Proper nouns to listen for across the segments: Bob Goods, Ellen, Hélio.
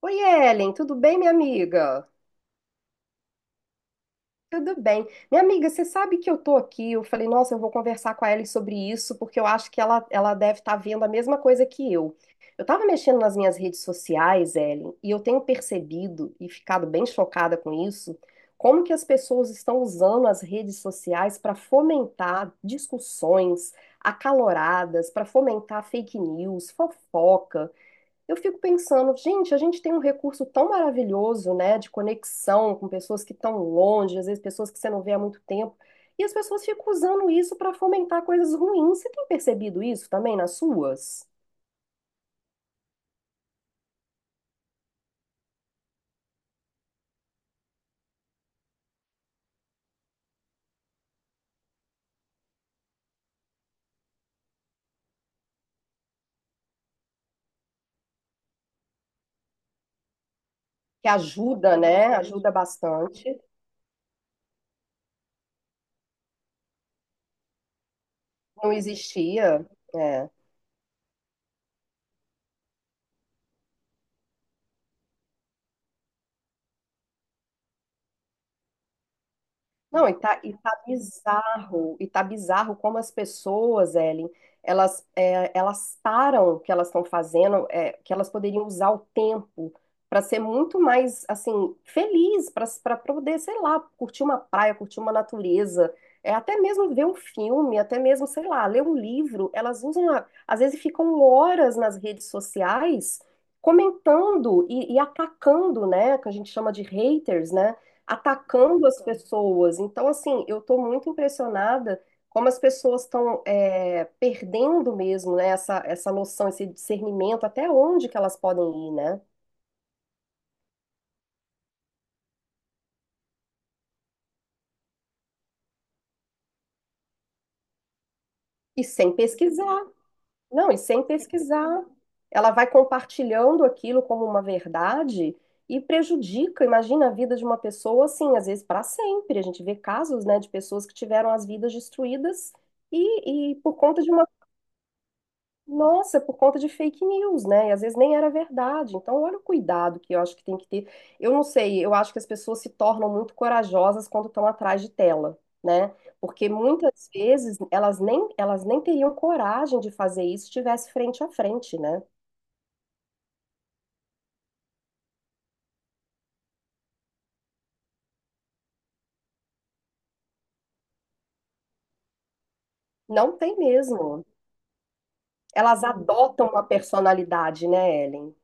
Oi, Ellen, tudo bem, minha amiga? Tudo bem. Minha amiga, você sabe que eu tô aqui. Eu falei, nossa, eu vou conversar com a Ellen sobre isso, porque eu acho que ela deve estar vendo a mesma coisa que eu. Eu tava mexendo nas minhas redes sociais, Ellen, e eu tenho percebido e ficado bem chocada com isso, como que as pessoas estão usando as redes sociais para fomentar discussões acaloradas, para fomentar fake news, fofoca. Eu fico pensando, gente, a gente tem um recurso tão maravilhoso, né, de conexão com pessoas que estão longe, às vezes pessoas que você não vê há muito tempo, e as pessoas ficam usando isso para fomentar coisas ruins. Você tem percebido isso também nas suas? Que ajuda, né? Ajuda bastante. Não existia. É. Não, e tá bizarro como as pessoas, Ellen, elas, elas param o que elas estão fazendo, que elas poderiam usar o tempo para ser muito mais, assim, feliz, para poder, sei lá, curtir uma praia, curtir uma natureza, até mesmo ver um filme, até mesmo, sei lá, ler um livro. Elas usam, às vezes ficam horas nas redes sociais comentando e atacando, né, que a gente chama de haters, né? Atacando as pessoas. Então, assim, eu estou muito impressionada como as pessoas estão perdendo mesmo, né, essa noção, esse discernimento, até onde que elas podem ir, né? E sem pesquisar. Não, e sem pesquisar. Ela vai compartilhando aquilo como uma verdade e prejudica, imagina a vida de uma pessoa assim, às vezes para sempre. A gente vê casos, né, de pessoas que tiveram as vidas destruídas e por conta de uma. Nossa, por conta de fake news, né? E às vezes nem era verdade. Então, olha o cuidado que eu acho que tem que ter. Eu não sei, eu acho que as pessoas se tornam muito corajosas quando estão atrás de tela, né? Porque muitas vezes elas nem teriam coragem de fazer isso se estivesse frente a frente, né? Não tem mesmo. Elas adotam uma personalidade, né, Ellen?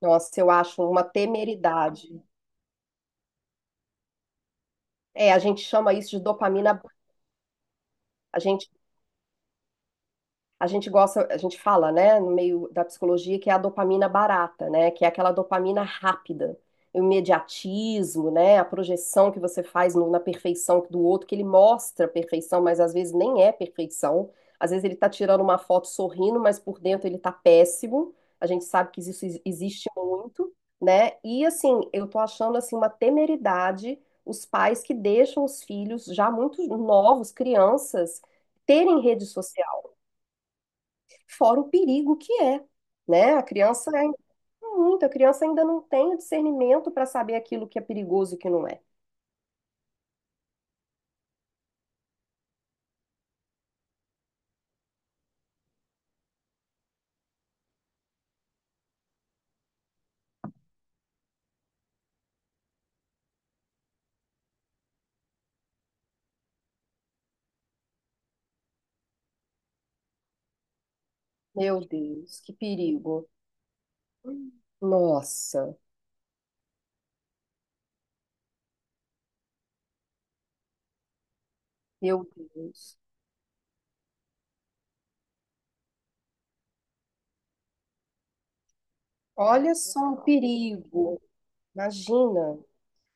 Nossa, eu acho uma temeridade. É, a gente chama isso de dopamina, a gente a gente gosta, a gente fala, né, no meio da psicologia, que é a dopamina barata, né, que é aquela dopamina rápida, o imediatismo, né, a projeção que você faz na perfeição do outro, que ele mostra perfeição, mas às vezes nem é perfeição. Às vezes ele tá tirando uma foto sorrindo, mas por dentro ele tá péssimo. A gente sabe que isso existe muito, né? E assim, eu tô achando assim uma temeridade os pais que deixam os filhos já muito novos, crianças terem rede social fora o perigo que é, né? A criança é muito, a criança ainda não tem o discernimento para saber aquilo que é perigoso e que não é. Meu Deus, que perigo. Nossa, meu Deus. Olha só o perigo. Imagina.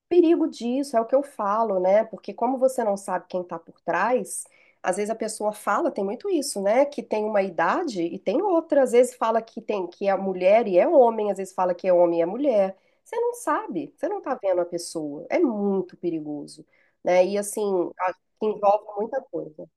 Perigo disso, é o que eu falo, né? Porque como você não sabe quem tá por trás, às vezes a pessoa fala, tem muito isso, né? Que tem uma idade e tem outra, às vezes fala que tem que é mulher e é homem, às vezes fala que é homem e é mulher. Você não sabe, você não tá vendo a pessoa. É muito perigoso, né? E assim, a- envolve muita coisa.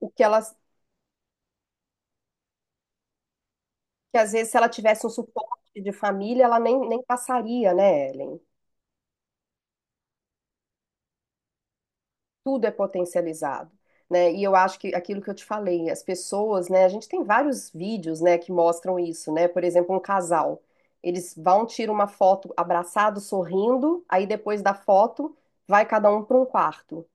O que ela, que às vezes se ela tivesse um suporte de família, ela nem passaria, né, Ellen? Tudo é potencializado, né? E eu acho que aquilo que eu te falei, as pessoas, né? A gente tem vários vídeos, né, que mostram isso, né? Por exemplo, um casal, eles vão tirar uma foto abraçado, sorrindo, aí depois da foto vai cada um para um quarto,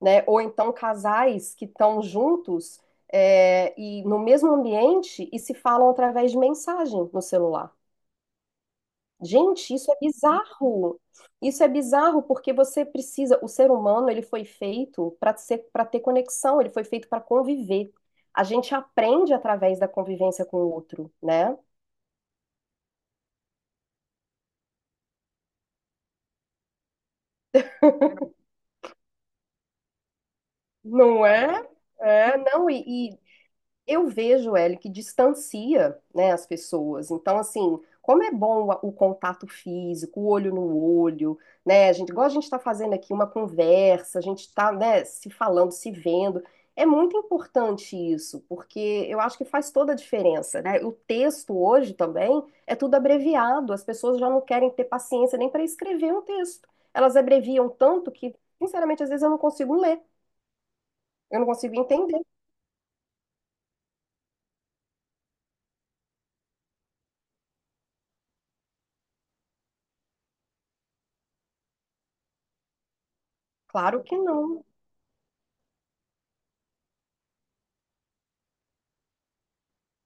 né? Ou então casais que estão juntos e no mesmo ambiente e se falam através de mensagem no celular. Gente, isso é bizarro. Isso é bizarro porque você precisa, o ser humano, ele foi feito para ser, para ter conexão, ele foi feito para conviver. A gente aprende através da convivência com o outro, né? Não é? É, não, e, eu vejo, Hélio, que distancia, né, as pessoas. Então, assim, como é bom o contato físico, o olho no olho, né? A gente, igual a gente está fazendo aqui uma conversa, a gente está, né, se falando, se vendo. É muito importante isso, porque eu acho que faz toda a diferença, né? O texto hoje também é tudo abreviado, as pessoas já não querem ter paciência nem para escrever um texto. Elas abreviam tanto que, sinceramente, às vezes eu não consigo ler, eu não consigo entender. Claro que não.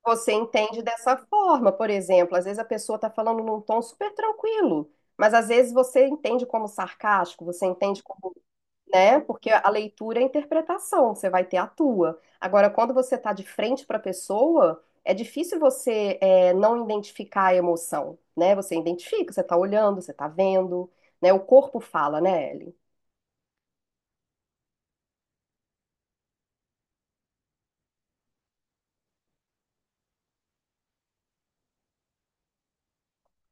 Você entende dessa forma, por exemplo, às vezes a pessoa está falando num tom super tranquilo, mas às vezes você entende como sarcástico, você entende como, né? Porque a leitura é a interpretação, você vai ter a tua. Agora, quando você está de frente para a pessoa, é difícil você não identificar a emoção, né? Você identifica, você está olhando, você está vendo, né? O corpo fala, né, Ellen?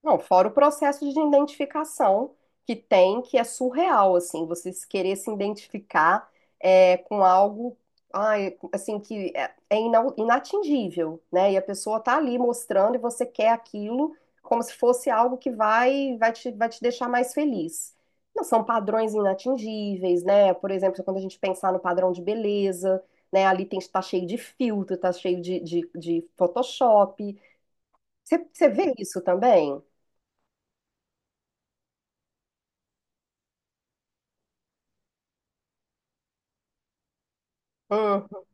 Não, fora o processo de identificação que tem, que é surreal, assim, você se querer se identificar com algo, ai, assim, que é, inatingível, né? E a pessoa tá ali mostrando e você quer aquilo como se fosse algo que vai te deixar mais feliz. Não, são padrões inatingíveis, né? Por exemplo, quando a gente pensar no padrão de beleza, né? Ali tem, tá cheio de filtro, tá cheio de Photoshop. Você vê isso também? Hum.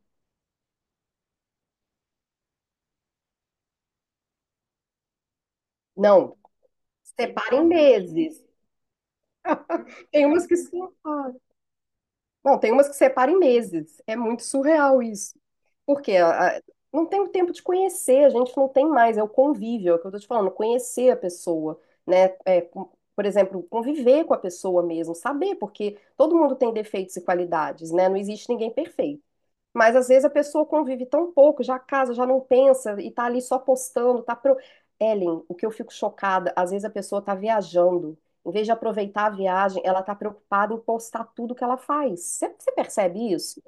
Não, separa em meses. Tem umas que separa. Não, tem umas que separa em meses. É muito surreal isso. Porque não tem o tempo de conhecer, a gente não tem mais, é o convívio, é o que eu tô te falando, conhecer a pessoa, né? É, por exemplo, conviver com a pessoa mesmo, saber, porque todo mundo tem defeitos e qualidades, né? Não existe ninguém perfeito. Mas às vezes a pessoa convive tão pouco, já casa, já não pensa e tá ali só postando, tá pro... Ellen, o que eu fico chocada, às vezes a pessoa tá viajando, em vez de aproveitar a viagem, ela tá preocupada em postar tudo que ela faz. Você percebe isso?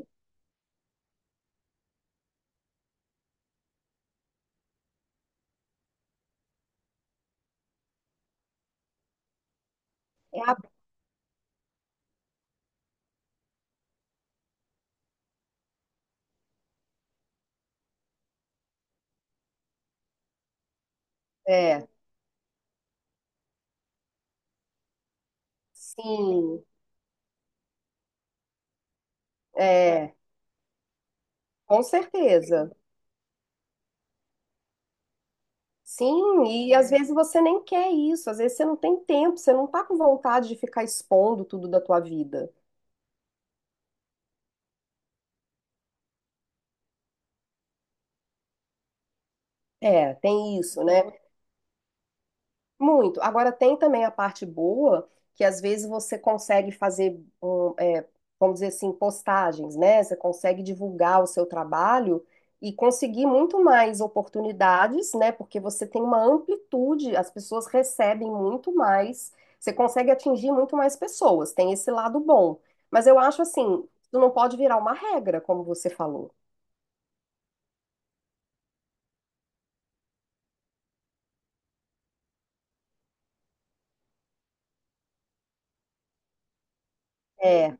É, a- é, sim, é, com certeza. Sim, e às vezes você nem quer isso, às vezes você não tem tempo, você não tá com vontade de ficar expondo tudo da tua vida. É, tem isso, né? Muito. Agora tem também a parte boa, que às vezes você consegue fazer, vamos dizer assim, postagens, né? Você consegue divulgar o seu trabalho e conseguir muito mais oportunidades, né? Porque você tem uma amplitude, as pessoas recebem muito mais, você consegue atingir muito mais pessoas, tem esse lado bom. Mas eu acho assim, isso não pode virar uma regra, como você falou. É.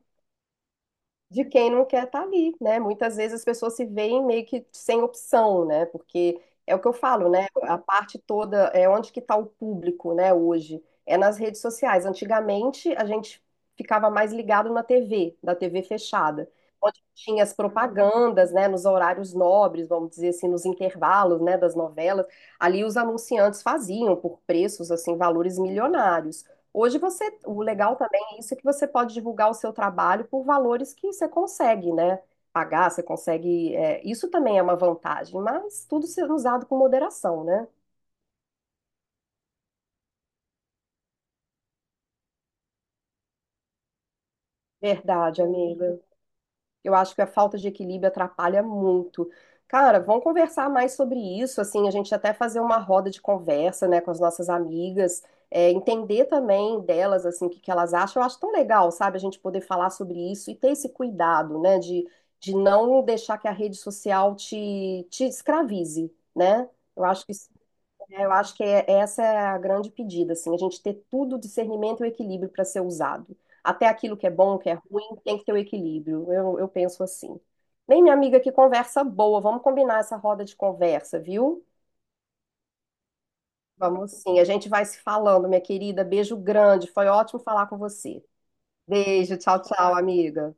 De quem não quer estar ali, né? Muitas vezes as pessoas se veem meio que sem opção, né? Porque é o que eu falo, né? A parte toda é onde que está o público, né? Hoje é nas redes sociais. Antigamente a gente ficava mais ligado na TV, da TV fechada, onde tinha as propagandas, né? Nos horários nobres, vamos dizer assim, nos intervalos, né? Das novelas, ali os anunciantes faziam por preços assim valores milionários. Hoje você, o legal tá isso que você pode divulgar o seu trabalho por valores que você consegue, né? Pagar, você consegue. Isso também é uma vantagem, mas tudo sendo usado com moderação, né? Verdade, amiga. Eu acho que a falta de equilíbrio atrapalha muito. Cara, vamos conversar mais sobre isso, assim, a gente até fazer uma roda de conversa, né, com as nossas amigas, entender também delas, assim, o que que elas acham. Eu acho tão legal, sabe, a gente poder falar sobre isso e ter esse cuidado, né, de não deixar que a rede social te escravize, né? Eu acho que Eu acho que essa é a grande pedida, assim, a gente ter tudo o discernimento e o equilíbrio para ser usado. Até aquilo que é bom, que é ruim, tem que ter o equilíbrio. Eu penso assim. Bem, minha amiga, que conversa boa. Vamos combinar essa roda de conversa, viu? Vamos sim. A gente vai se falando, minha querida. Beijo grande. Foi ótimo falar com você. Beijo, tchau, tchau, amiga.